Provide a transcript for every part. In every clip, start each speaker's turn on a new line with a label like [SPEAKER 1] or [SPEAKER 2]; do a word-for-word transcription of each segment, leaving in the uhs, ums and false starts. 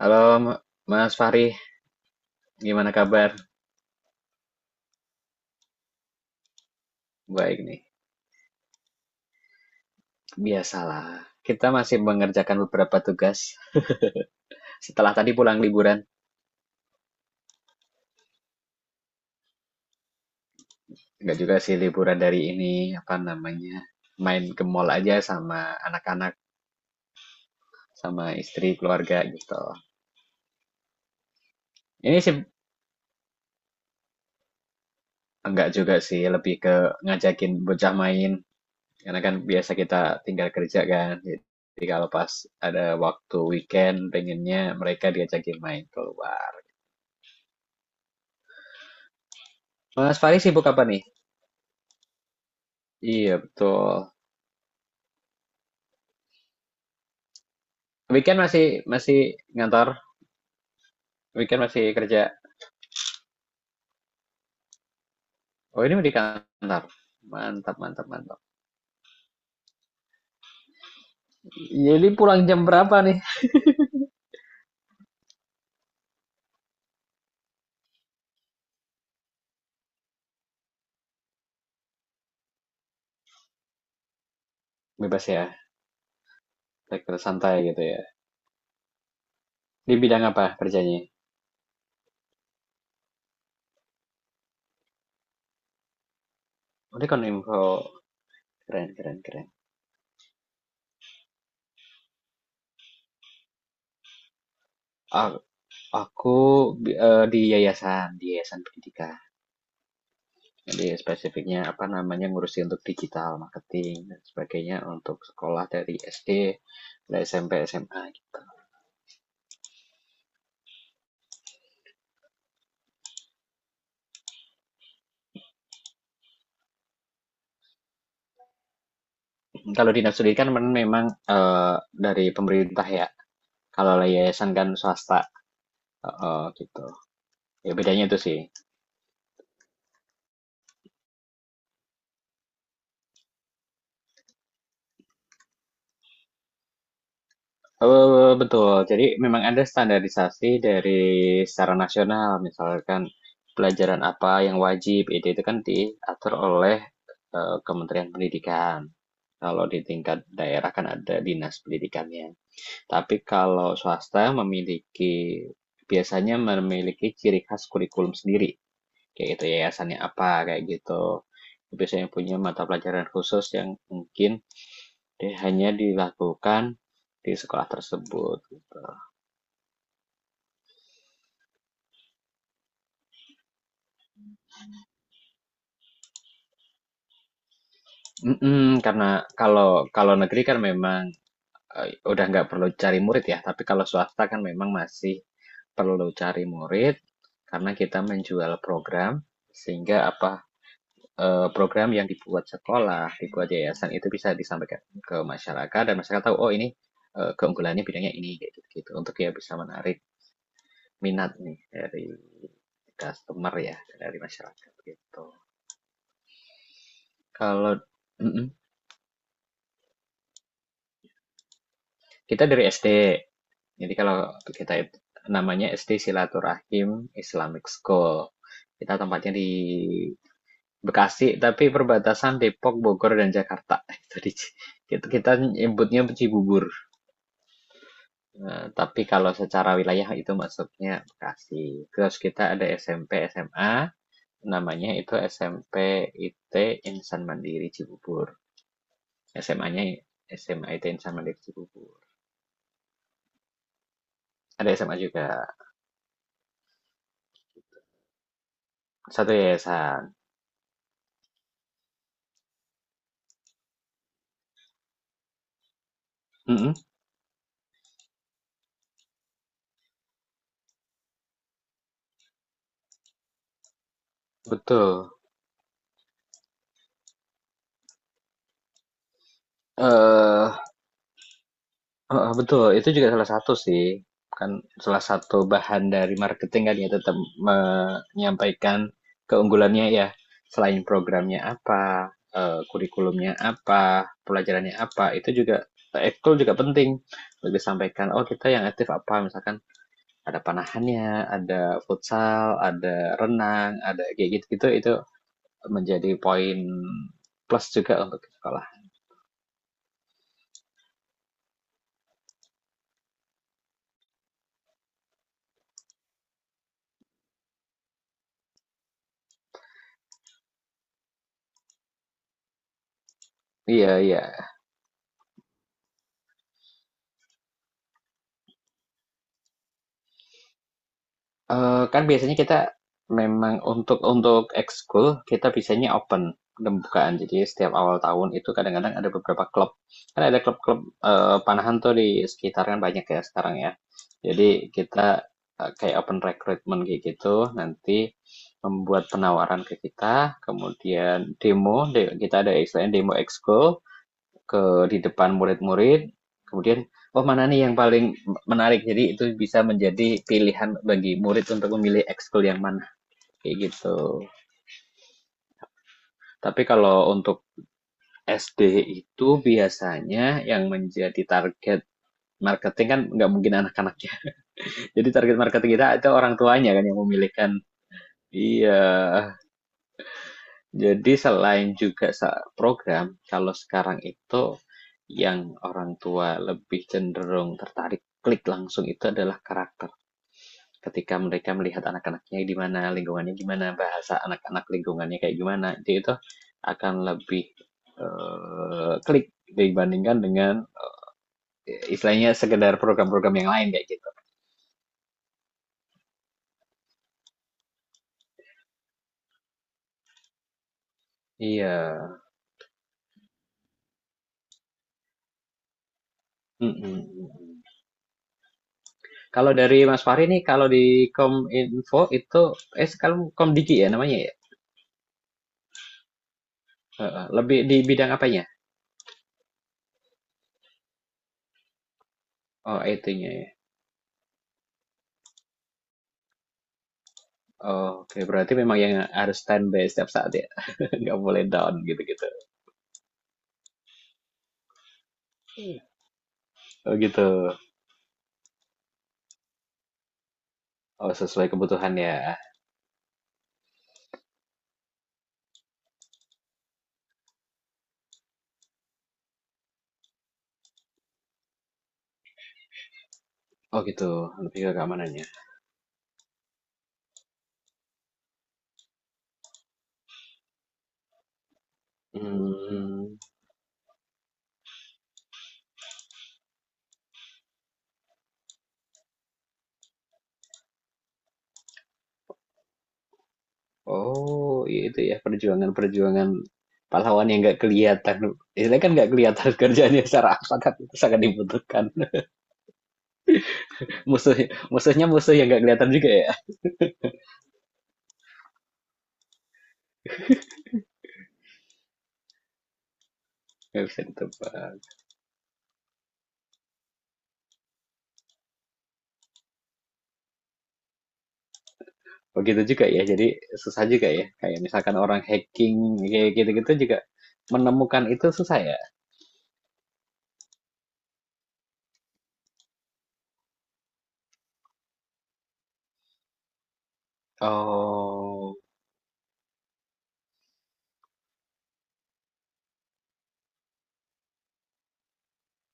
[SPEAKER 1] Halo Ma- Mas Fahri, gimana kabar? Baik nih, biasalah. Kita masih mengerjakan beberapa tugas setelah tadi pulang liburan. Enggak juga sih liburan dari ini, apa namanya, main ke mall aja sama anak-anak, sama istri, keluarga gitu. Ini sih enggak juga sih, lebih ke ngajakin bocah main. Karena kan biasa kita tinggal kerja kan. Jadi kalau pas ada waktu weekend, pengennya mereka diajakin main keluar. Mas Fahri sibuk apa nih? Iya, betul. Weekend masih masih ngantor, weekend masih kerja. Oh, ini di kantor. Mantap, mantap, mantap. Jadi pulang jam berapa nih? Bebas ya, sektor santai gitu ya. Di bidang apa kerjanya? Oh, ini kan info keren, keren, keren. A- Aku, bi- eh, di yayasan, di yayasan pendidikan. Jadi spesifiknya apa namanya ngurusin untuk digital marketing dan sebagainya untuk sekolah dari S D, dari S M P, S M A. Kalau dinas pendidikan men- memang eh, dari pemerintah ya. Kalau yayasan kan swasta, Eh, gitu. Ya bedanya itu sih. Eh, betul. Jadi memang ada standarisasi dari secara nasional. Misalkan pelajaran apa yang wajib, itu itu kan diatur oleh eh, Kementerian Pendidikan. Kalau di tingkat daerah kan ada dinas pendidikannya. Tapi kalau swasta memiliki, biasanya memiliki ciri khas kurikulum sendiri, kayak gitu yayasannya apa, kayak gitu biasanya punya mata pelajaran khusus yang mungkin dia hanya dilakukan di sekolah tersebut gitu. Mm-mm, karena kalau kalau negeri kan memang, eh, udah nggak perlu cari murid ya, tapi kalau swasta kan memang masih perlu cari murid, karena kita menjual program sehingga apa, eh, program yang dibuat sekolah, dibuat yayasan itu bisa disampaikan ke masyarakat dan masyarakat tahu, oh ini, eh, keunggulannya bidangnya ini kayak gitu-gitu, untuk ya bisa menarik minat nih dari customer, ya dari masyarakat gitu. Kalau, mm-mm. Kita dari S D, jadi kalau kita itu- namanya S D Silaturahim Islamic School. Kita tempatnya di Bekasi, tapi perbatasan Depok, Bogor, dan Jakarta. Itu di, kita, kita nyebutnya Cibubur. Eh, tapi kalau secara wilayah itu masuknya Bekasi. Terus kita ada SMP, SMA, namanya itu SMP IT Insan Mandiri Cibubur. SMA-nya S M A IT Insan Mandiri Cibubur. Ada S M A juga, satu yayasan. Mm-mm, betul. Eh Heeh, betul, itu juga salah satu sih, kan salah satu bahan dari marketing kan ya, tetap menyampaikan keunggulannya ya, selain programnya apa, eh, kurikulumnya apa, pelajarannya apa, itu juga ekskul juga penting untuk disampaikan. Oh kita yang aktif apa, misalkan ada panahannya, ada futsal, ada renang, ada kayak gitu-gitu, itu menjadi poin plus juga untuk sekolah. Iya iya. Eee, kan biasanya kita memang untuk untuk ekskul kita biasanya open, pembukaan. Jadi setiap awal tahun itu kadang-kadang ada beberapa klub. Kan ada klub-klub, eee, panahan tuh di sekitar kan banyak ya sekarang ya. Jadi kita, eee, kayak open recruitment kayak gitu, nanti membuat penawaran ke kita, kemudian demo de kita ada istilahnya demo ekskul, ke di depan murid-murid, kemudian, "Oh, mana nih yang paling menarik?" Jadi itu bisa menjadi pilihan bagi murid untuk memilih ekskul yang mana, kayak gitu. Tapi kalau untuk S D itu biasanya yang menjadi target marketing kan nggak mungkin anak-anaknya. Jadi target marketing kita itu orang tuanya kan yang memilihkan. Iya, jadi selain juga sa- program, kalau sekarang itu yang orang tua lebih cenderung tertarik klik langsung itu adalah karakter. Ketika mereka melihat anak-anaknya gimana, lingkungannya gimana, bahasa anak-anak lingkungannya kayak gimana, dia itu akan lebih, eh, klik dibandingkan dengan, eh, istilahnya sekedar program-program yang lain kayak gitu. Iya. Mm-mm. Kalau dari Mas Fahri nih, kalau di Kominfo itu, eh kalau Komdiki ya namanya ya, heeh, lebih di bidang apanya? Oh, I T-nya ya. Oh, oke, berarti memang yang harus standby setiap saat ya, nggak boleh down gitu-gitu. Oh gitu. Oh, sesuai kebutuhan ya. Oh gitu, lebih ke keamanannya. Hmm. Oh, ya itu ya perjuangan-perjuangan pahlawan yang nggak kelihatan. Istilahnya kan nggak kelihatan kerjanya secara apa, kan itu sangat dibutuhkan. Musuh Musuhnya musuh yang nggak kelihatan juga ya. Nggak bisa ditebak. Begitu juga ya. Jadi susah juga ya. Kayak misalkan orang hacking kayak gitu-gitu juga menemukan itu susah ya. Oh,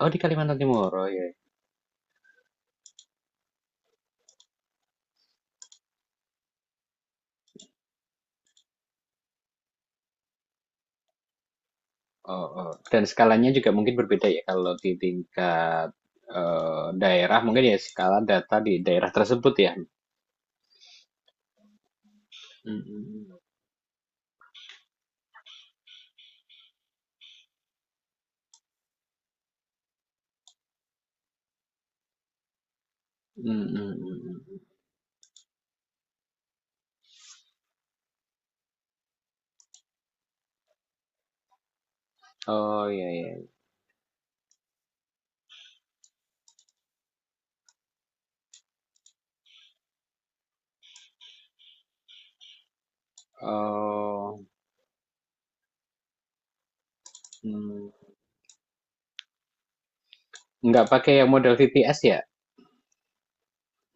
[SPEAKER 1] oh, di Kalimantan Timur. Oh ya. Oh, oh. Dan skalanya juga mungkin berbeda ya, kalau di tingkat, eh, daerah mungkin ya, skala data di daerah tersebut ya. Mm, mm, mm. Mm, mm, mm, mm. Oh iya iya. Oh, mm. Nggak pakai yang model V P S ya?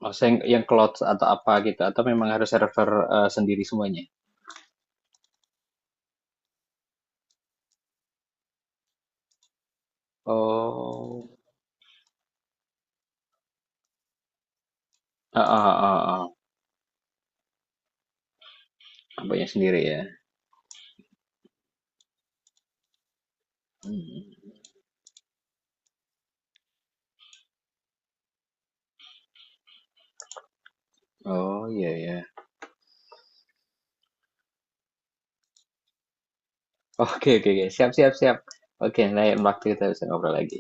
[SPEAKER 1] Maksudnya yang, yang, cloud atau apa gitu? Atau memang harus server, eh, sendiri semuanya? Oh, ah, ah, ah, ah. Apanya sendiri ya? Mm. Oh iya iya. Oke oke oke. Siap siap siap. Oke, lain waktu kita bisa ngobrol lagi.